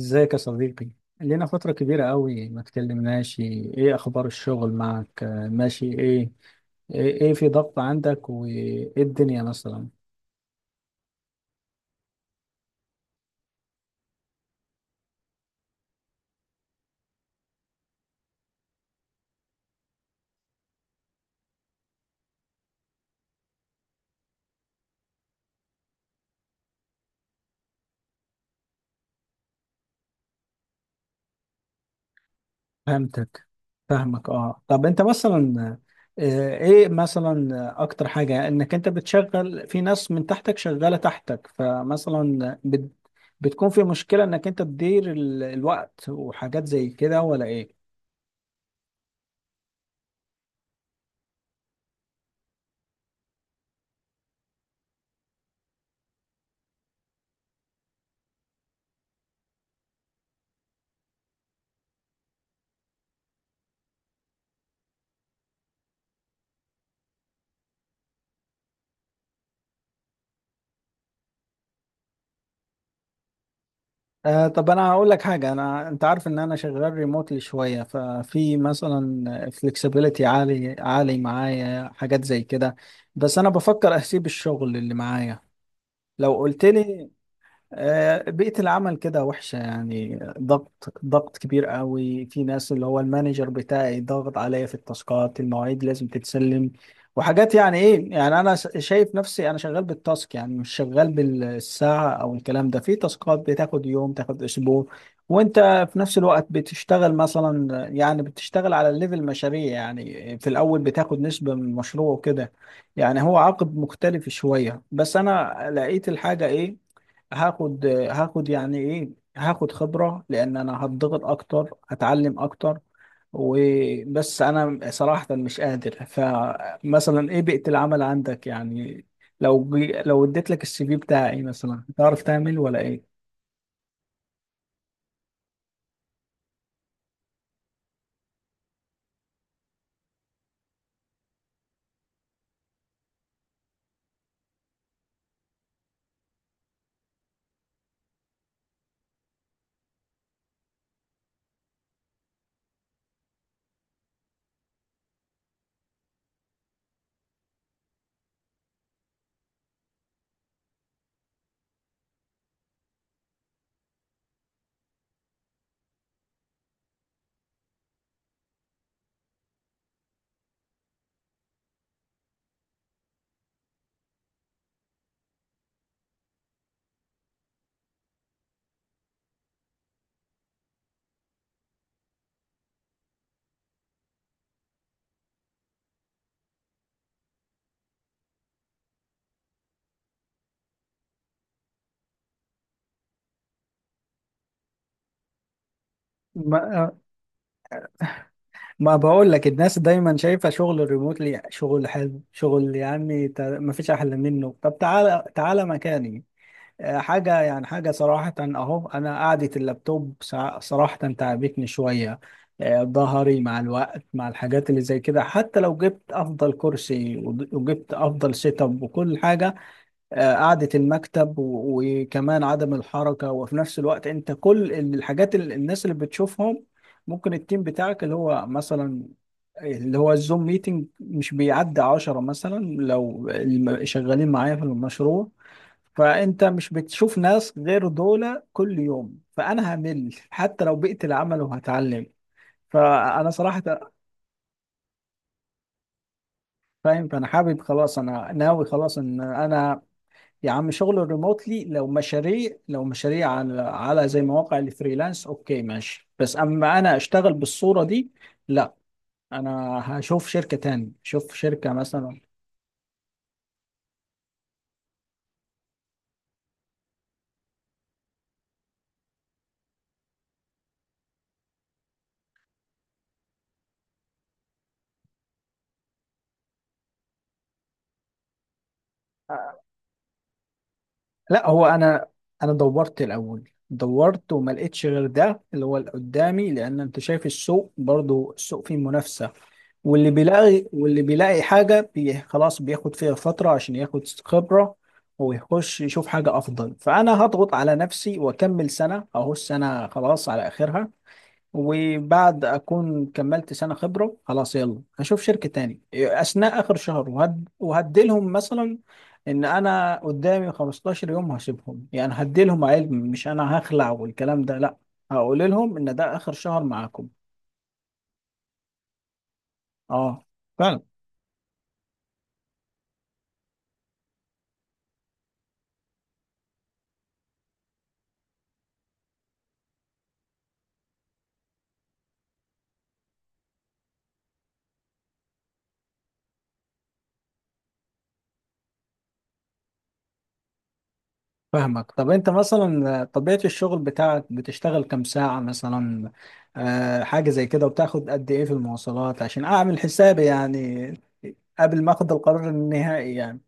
ازيك يا صديقي؟ لينا فترة كبيرة قوي ما تكلمناش. ايه اخبار الشغل معك؟ ماشي. ايه ايه في ضغط عندك وايه الدنيا مثلا؟ فهمتك، فاهمك اه. طب انت مثلا، ايه مثلا اكتر حاجة انك انت بتشغل في ناس من تحتك، شغالة تحتك، فمثلا بتكون في مشكلة انك انت تدير الوقت وحاجات زي كده ولا ايه؟ آه. طب انا هقول لك حاجه، انا انت عارف ان انا شغال ريموتلي شويه، ففي مثلا فلكسبيليتي عالي عالي معايا، حاجات زي كده. بس انا بفكر اسيب الشغل اللي معايا. لو قلت لي، بيئة العمل كده وحشة يعني. ضغط كبير قوي، في ناس اللي هو المانجر بتاعي ضغط عليا في التاسكات، المواعيد لازم تتسلم وحاجات. يعني ايه يعني انا شايف نفسي انا شغال بالتاسك، يعني مش شغال بالساعة او الكلام ده. في تاسكات بتاخد يوم، تاخد اسبوع. وانت في نفس الوقت بتشتغل مثلا، يعني بتشتغل على الليفل مشاريع، يعني في الاول بتاخد نسبة من المشروع وكده. يعني هو عقد مختلف شوية. بس انا لقيت الحاجة ايه، هاخد يعني ايه، هاخد خبرة لان انا هتضغط اكتر، هتعلم اكتر. وبس انا صراحة مش قادر. فمثلا ايه بيئة العمل عندك يعني؟ لو لو اديت لك السي في بتاعي مثلا، تعرف تعمل ولا ايه؟ ما ما بقول لك، الناس دايما شايفة شغل الريموتلي شغل حلو، شغل يا عمي ما فيش احلى منه. طب تعالى تعالى مكاني. حاجة يعني، حاجة صراحة أهو، أنا قعدة اللابتوب صراحة تعبتني شوية. ظهري مع الوقت، مع الحاجات اللي زي كده، حتى لو جبت أفضل كرسي وجبت أفضل سيت أب وكل حاجة. قعدة المكتب وكمان عدم الحركة. وفي نفس الوقت أنت كل الحاجات اللي الناس اللي بتشوفهم، ممكن التيم بتاعك اللي هو مثلا، اللي هو الزوم ميتنج، مش بيعدي عشرة مثلا، لو شغالين معايا في المشروع، فانت مش بتشوف ناس غير دول كل يوم. فانا همل حتى لو بقيت العمل وهتعلم. فانا صراحه فاهم. فانا حابب خلاص، انا ناوي خلاص ان انا، يا عم شغل ريموتلي لو مشاريع، لو مشاريع على زي مواقع الفريلانس، اوكي ماشي. بس اما انا اشتغل بالصوره دي، لا. انا هشوف شركه تاني، شوف شركه مثلا. لا هو انا، دورت الاول، دورت وما لقيتش غير ده اللي هو اللي قدامي. لان انت شايف السوق برضو، السوق فيه منافسه. واللي بيلاقي حاجه بي خلاص بياخد فيها فتره عشان ياخد خبره ويخش يشوف حاجه افضل. فانا هضغط على نفسي واكمل سنه، اهو السنه خلاص على اخرها. وبعد اكون كملت سنه خبره، خلاص يلا هشوف شركه تاني. اثناء اخر شهر وهديلهم مثلا ان انا قدامي 15 يوم هسيبهم، يعني هديلهم علم، مش انا هخلع والكلام ده، لا. هقول لهم ان ده اخر شهر معاكم. اه فعلا. فاهمك. طب انت مثلا طبيعه الشغل بتاعك بتشتغل كام ساعه مثلا؟ آه حاجه زي كده. وبتاخد قد ايه في المواصلات، عشان اعمل حسابي يعني، قبل ما اخد القرار النهائي يعني.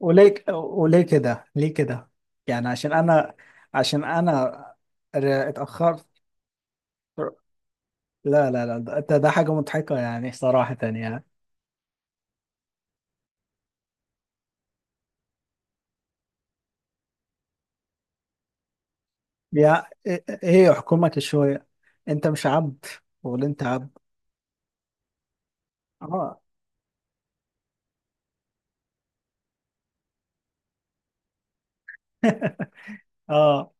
وليه وليه كده؟ ليه كده؟ يعني عشان انا، عشان انا اتاخرت؟ لا لا لا، ده حاجه مضحكه يعني صراحه يعني. يا ايه إيه؟ حكومك شويه؟ انت مش عبد، ولا انت عبد؟ اه. اه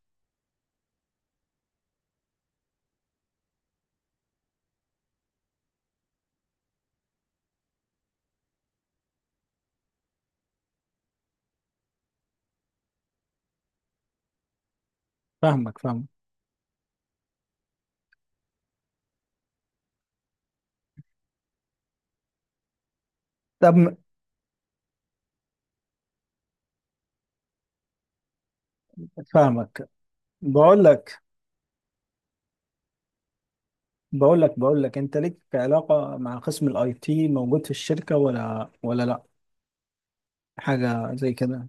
فاهمك فاهمك. طب فاهمك. بقول لك، بقول لك انت ليك علاقه مع قسم الاي تي موجود في الشركه ولا لا، حاجه زي كده؟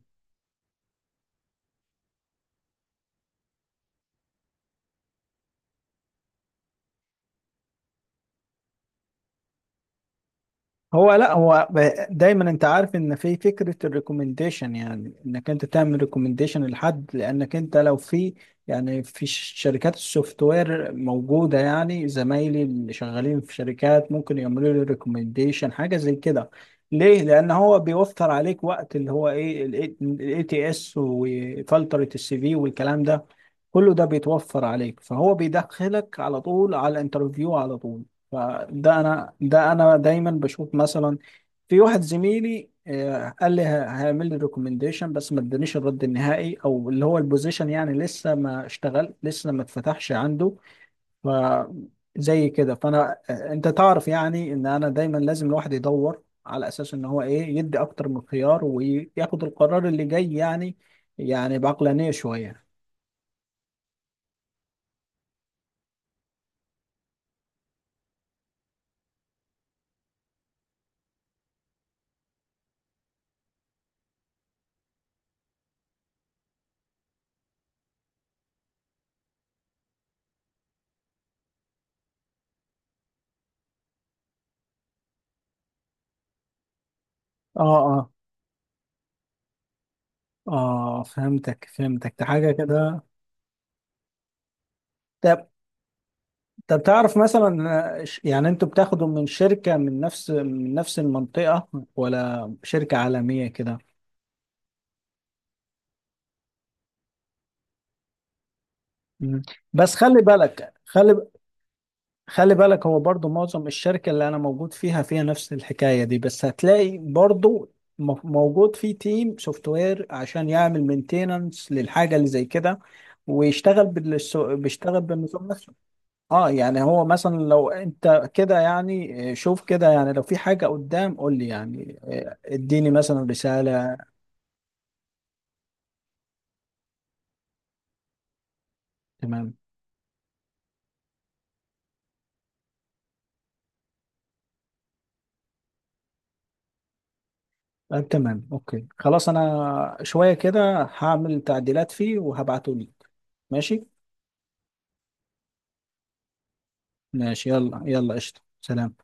هو لا هو دايما انت عارف ان في فكره الريكومنديشن، يعني انك انت تعمل ريكومنديشن لحد، لانك انت لو في يعني في شركات السوفت وير موجوده، يعني زمايلي اللي شغالين في شركات ممكن يعملوا لي ريكومنديشن، حاجه زي كده. ليه؟ لان هو بيوفر عليك وقت، اللي هو ايه، الاي تي اس وفلتره السي في والكلام ده، كله ده بيتوفر عليك، فهو بيدخلك على طول على الانترفيو على طول. فده انا دايما بشوف مثلا، في واحد زميلي قال لي هيعمل لي ريكومنديشن، بس ما ادانيش الرد النهائي، او اللي هو البوزيشن يعني لسه ما اشتغل، لسه ما اتفتحش عنده. ف زي كده. فانا انت تعرف يعني، ان انا دايما لازم الواحد يدور على اساس ان هو ايه، يدي اكتر من خيار وياخد القرار اللي جاي يعني، يعني بعقلانية شوية. اه. اه اه فهمتك فهمتك، ده حاجة كده. طب تعرف مثلا، يعني انتوا بتاخدوا من شركة من نفس المنطقة ولا شركة عالمية كده؟ مم. بس خلي بالك، خلي خلي بالك، هو برضو معظم الشركة اللي انا موجود فيها فيها نفس الحكاية دي. بس هتلاقي برضو موجود في تيم سوفت وير عشان يعمل مينتيننس للحاجة اللي زي كده، ويشتغل بيشتغل بالنظام نفسه. اه يعني هو مثلا لو انت كده يعني، شوف كده، يعني لو في حاجة قدام قول لي يعني، اديني مثلا رسالة. تمام. آه تمام اوكي، خلاص انا شوية كده هعمل تعديلات فيه وهبعته لك. ماشي. ماشي يلا يلا، قشطة، سلام.